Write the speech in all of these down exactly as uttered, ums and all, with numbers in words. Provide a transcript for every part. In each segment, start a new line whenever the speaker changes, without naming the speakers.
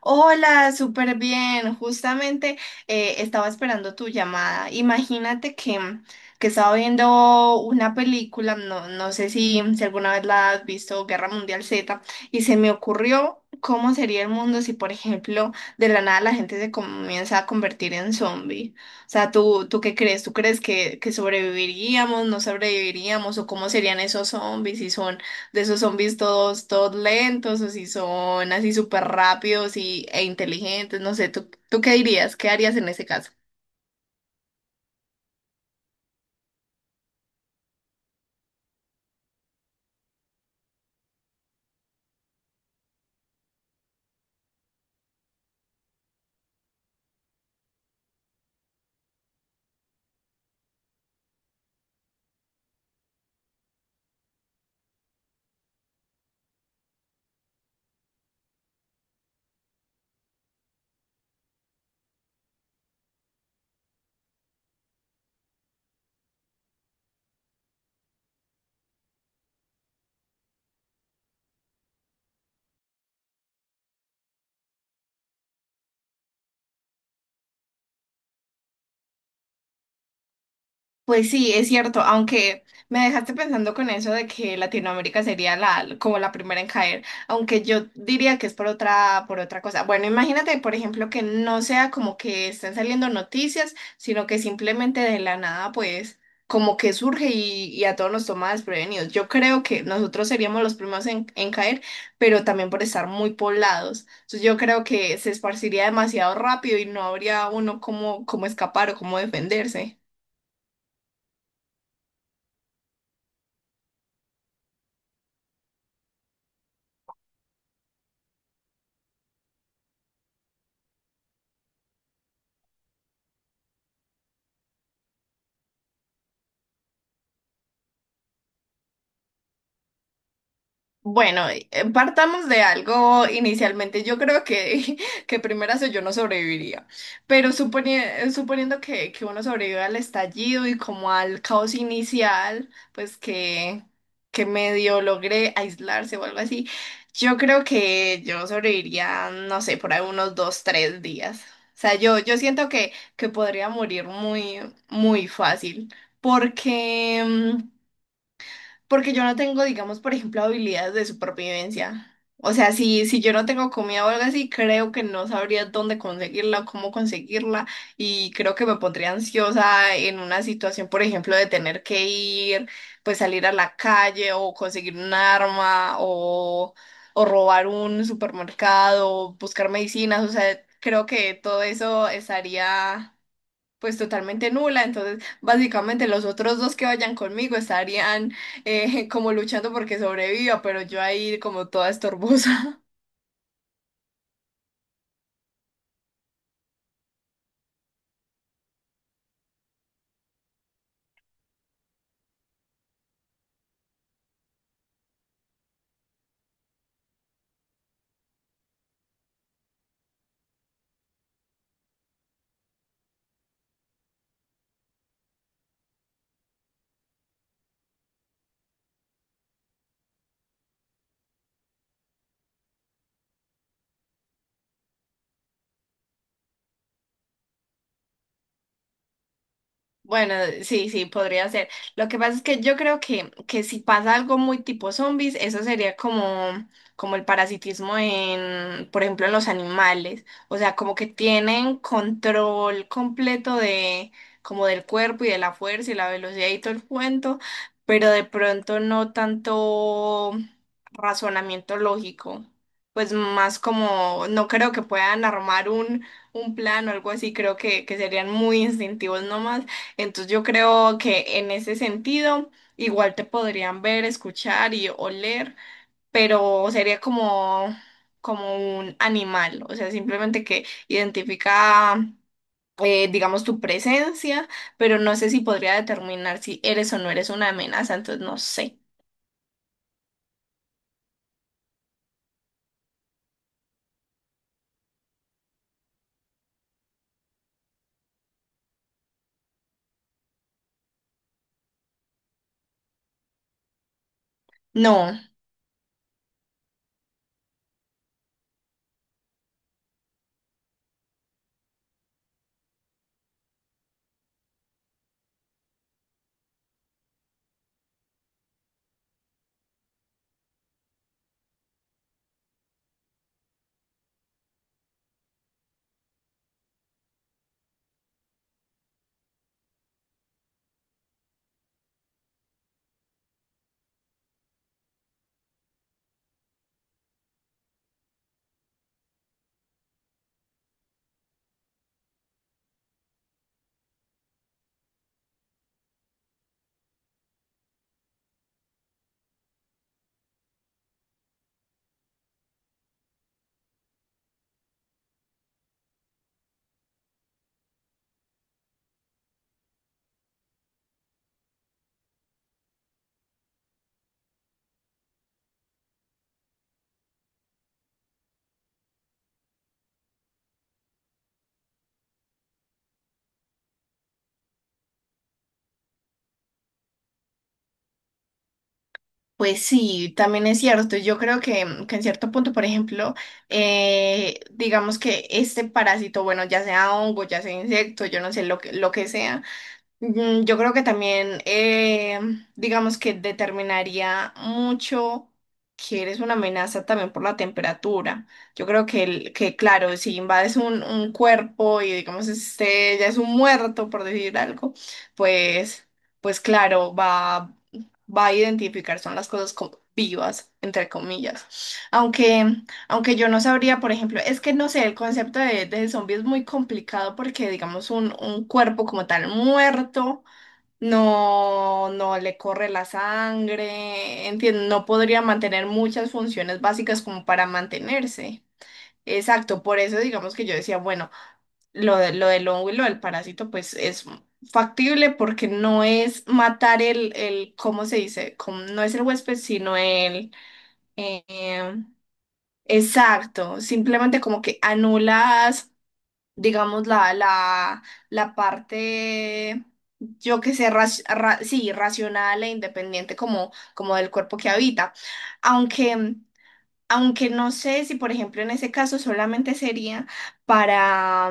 Hola, súper bien. Justamente eh, estaba esperando tu llamada. Imagínate que, mm, que estaba viendo una película. No, no sé si, si alguna vez la has visto, Guerra Mundial Z, y se me ocurrió cómo sería el mundo si, por ejemplo, de la nada la gente se comienza a convertir en zombie. O sea, ¿tú, tú ¿qué crees? ¿Tú crees que, que sobreviviríamos, no sobreviviríamos, o cómo serían esos zombies si son de esos zombies todos, todos lentos, o si son así súper rápidos y, e inteligentes? No sé, ¿tú, tú ¿qué dirías? ¿Qué harías en ese caso? Pues sí, es cierto, aunque me dejaste pensando con eso de que Latinoamérica sería la, como la primera en caer, aunque yo diría que es por otra, por otra cosa. Bueno, imagínate, por ejemplo, que no sea como que estén saliendo noticias, sino que simplemente de la nada, pues, como que surge y, y a todos nos toma desprevenidos. Yo creo que nosotros seríamos los primeros en, en caer, pero también por estar muy poblados. Entonces yo creo que se esparciría demasiado rápido y no habría uno como, como escapar o cómo defenderse. Bueno, eh, partamos de algo inicialmente. Yo creo que, que primero yo no sobreviviría, pero suponi- suponiendo que, que uno sobrevive al estallido y como al caos inicial, pues que, que medio logré aislarse o algo así, yo creo que yo sobreviviría, no sé, por ahí unos dos, tres días. O sea, yo, yo siento que, que podría morir muy, muy fácil, porque... mm, porque yo no tengo, digamos, por ejemplo, habilidades de supervivencia. O sea, si, si yo no tengo comida o algo así, creo que no sabría dónde conseguirla o cómo conseguirla. Y creo que me pondría ansiosa en una situación, por ejemplo, de tener que ir, pues salir a la calle o conseguir un arma o, o robar un supermercado, buscar medicinas. O sea, creo que todo eso estaría pues totalmente nula, entonces básicamente los otros dos que vayan conmigo estarían eh, como luchando porque sobreviva, pero yo ahí como toda estorbosa. Bueno, sí, sí, podría ser. Lo que pasa es que yo creo que, que si pasa algo muy tipo zombies, eso sería como, como el parasitismo en, por ejemplo, en los animales. O sea, como que tienen control completo de, como del cuerpo y de la fuerza y la velocidad y todo el cuento, pero de pronto no tanto razonamiento lógico. Pues más como, no creo que puedan armar un, un plan o algo así, creo que, que serían muy instintivos nomás. Entonces yo creo que en ese sentido igual te podrían ver, escuchar y oler, pero sería como, como un animal. O sea, simplemente que identifica, eh, digamos, tu presencia, pero no sé si podría determinar si eres o no eres una amenaza, entonces no sé. No, pues sí, también es cierto. Yo creo que, que en cierto punto, por ejemplo, eh, digamos que este parásito, bueno, ya sea hongo, ya sea insecto, yo no sé lo que, lo que sea. Mm, Yo creo que también, eh, digamos que determinaría mucho que eres una amenaza también por la temperatura. Yo creo que, el- que claro, si invades un, un cuerpo y digamos este ya es un muerto, por decir algo, pues, pues claro, va, va a identificar, son las cosas como vivas, entre comillas. Aunque aunque yo no sabría, por ejemplo, es que no sé, el concepto de, de zombie es muy complicado porque, digamos, un, un cuerpo como tal muerto no, no le corre la sangre, entiendo, no podría mantener muchas funciones básicas como para mantenerse. Exacto, por eso digamos que yo decía, bueno, lo, de- lo del hongo y lo del parásito, pues es factible porque no es matar el, el, ¿cómo se dice? Como- no es el huésped, sino el... em, exacto, simplemente como que anulas, digamos, la, la, la parte, yo que sé, raci- ra- sí, racional e independiente como, como del cuerpo que habita. Aunque, aunque no sé si, por ejemplo, en ese caso solamente sería para,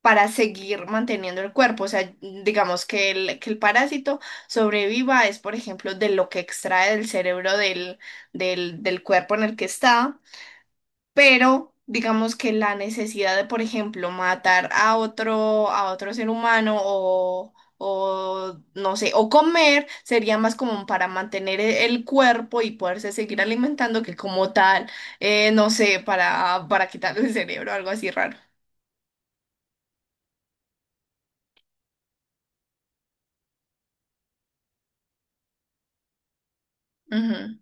para seguir manteniendo el cuerpo. O sea, digamos que el, que el parásito sobreviva es, por ejemplo, de lo que extrae del cerebro del, del, del cuerpo en el que está. Pero digamos que la necesidad de, por ejemplo, matar a otro, a otro ser humano o, o no sé, o comer sería más como para mantener e- el cuerpo y poderse seguir alimentando que como tal, eh, no sé, para, para quitarle el cerebro, algo así raro. Ujú.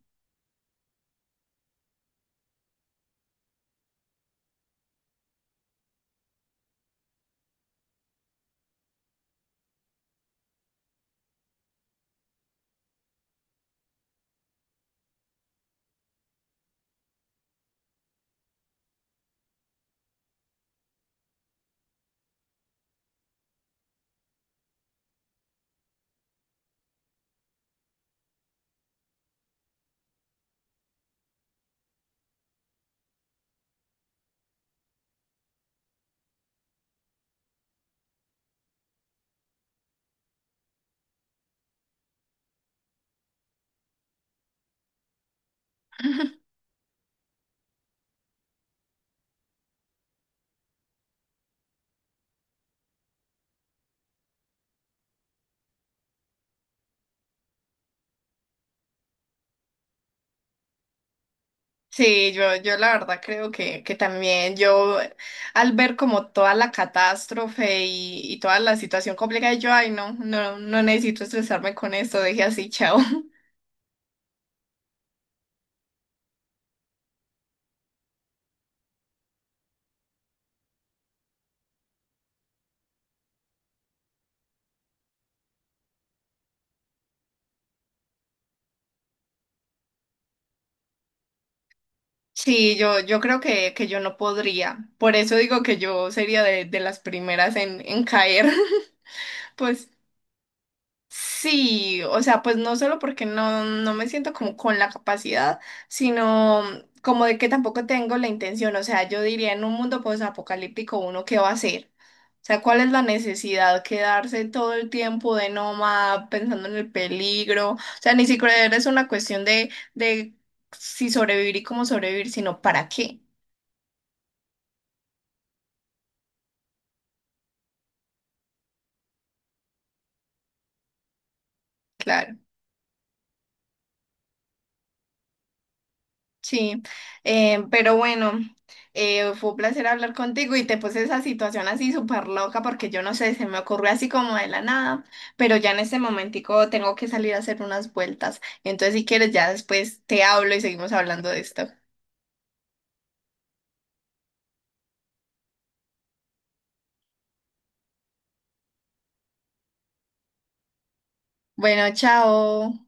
Sí, yo, yo la verdad creo que, que también yo al ver como toda la catástrofe y, y toda la situación complicada, yo, ay, no, no, no necesito estresarme con esto, deje así, chao. Sí, yo, yo creo que, que yo no podría. Por eso digo que yo sería de, de las primeras en, en caer. Pues sí. O sea, pues no solo porque no, no me siento como con la capacidad, sino como de que tampoco tengo la intención. O sea, yo diría en un mundo posapocalíptico, ¿uno qué va a hacer? O sea, ¿cuál es la necesidad? Quedarse todo el tiempo de nómada pensando en el peligro. O sea, ni siquiera es una cuestión de, de si sobrevivir y cómo sobrevivir, sino para qué. Claro. Sí, eh, pero bueno, eh, fue un placer hablar contigo y te puse esa situación así súper loca porque yo no sé, se me ocurrió así como de la nada, pero ya en este momentico tengo que salir a hacer unas vueltas. Entonces, si quieres, ya después te hablo y seguimos hablando de esto. Bueno, chao.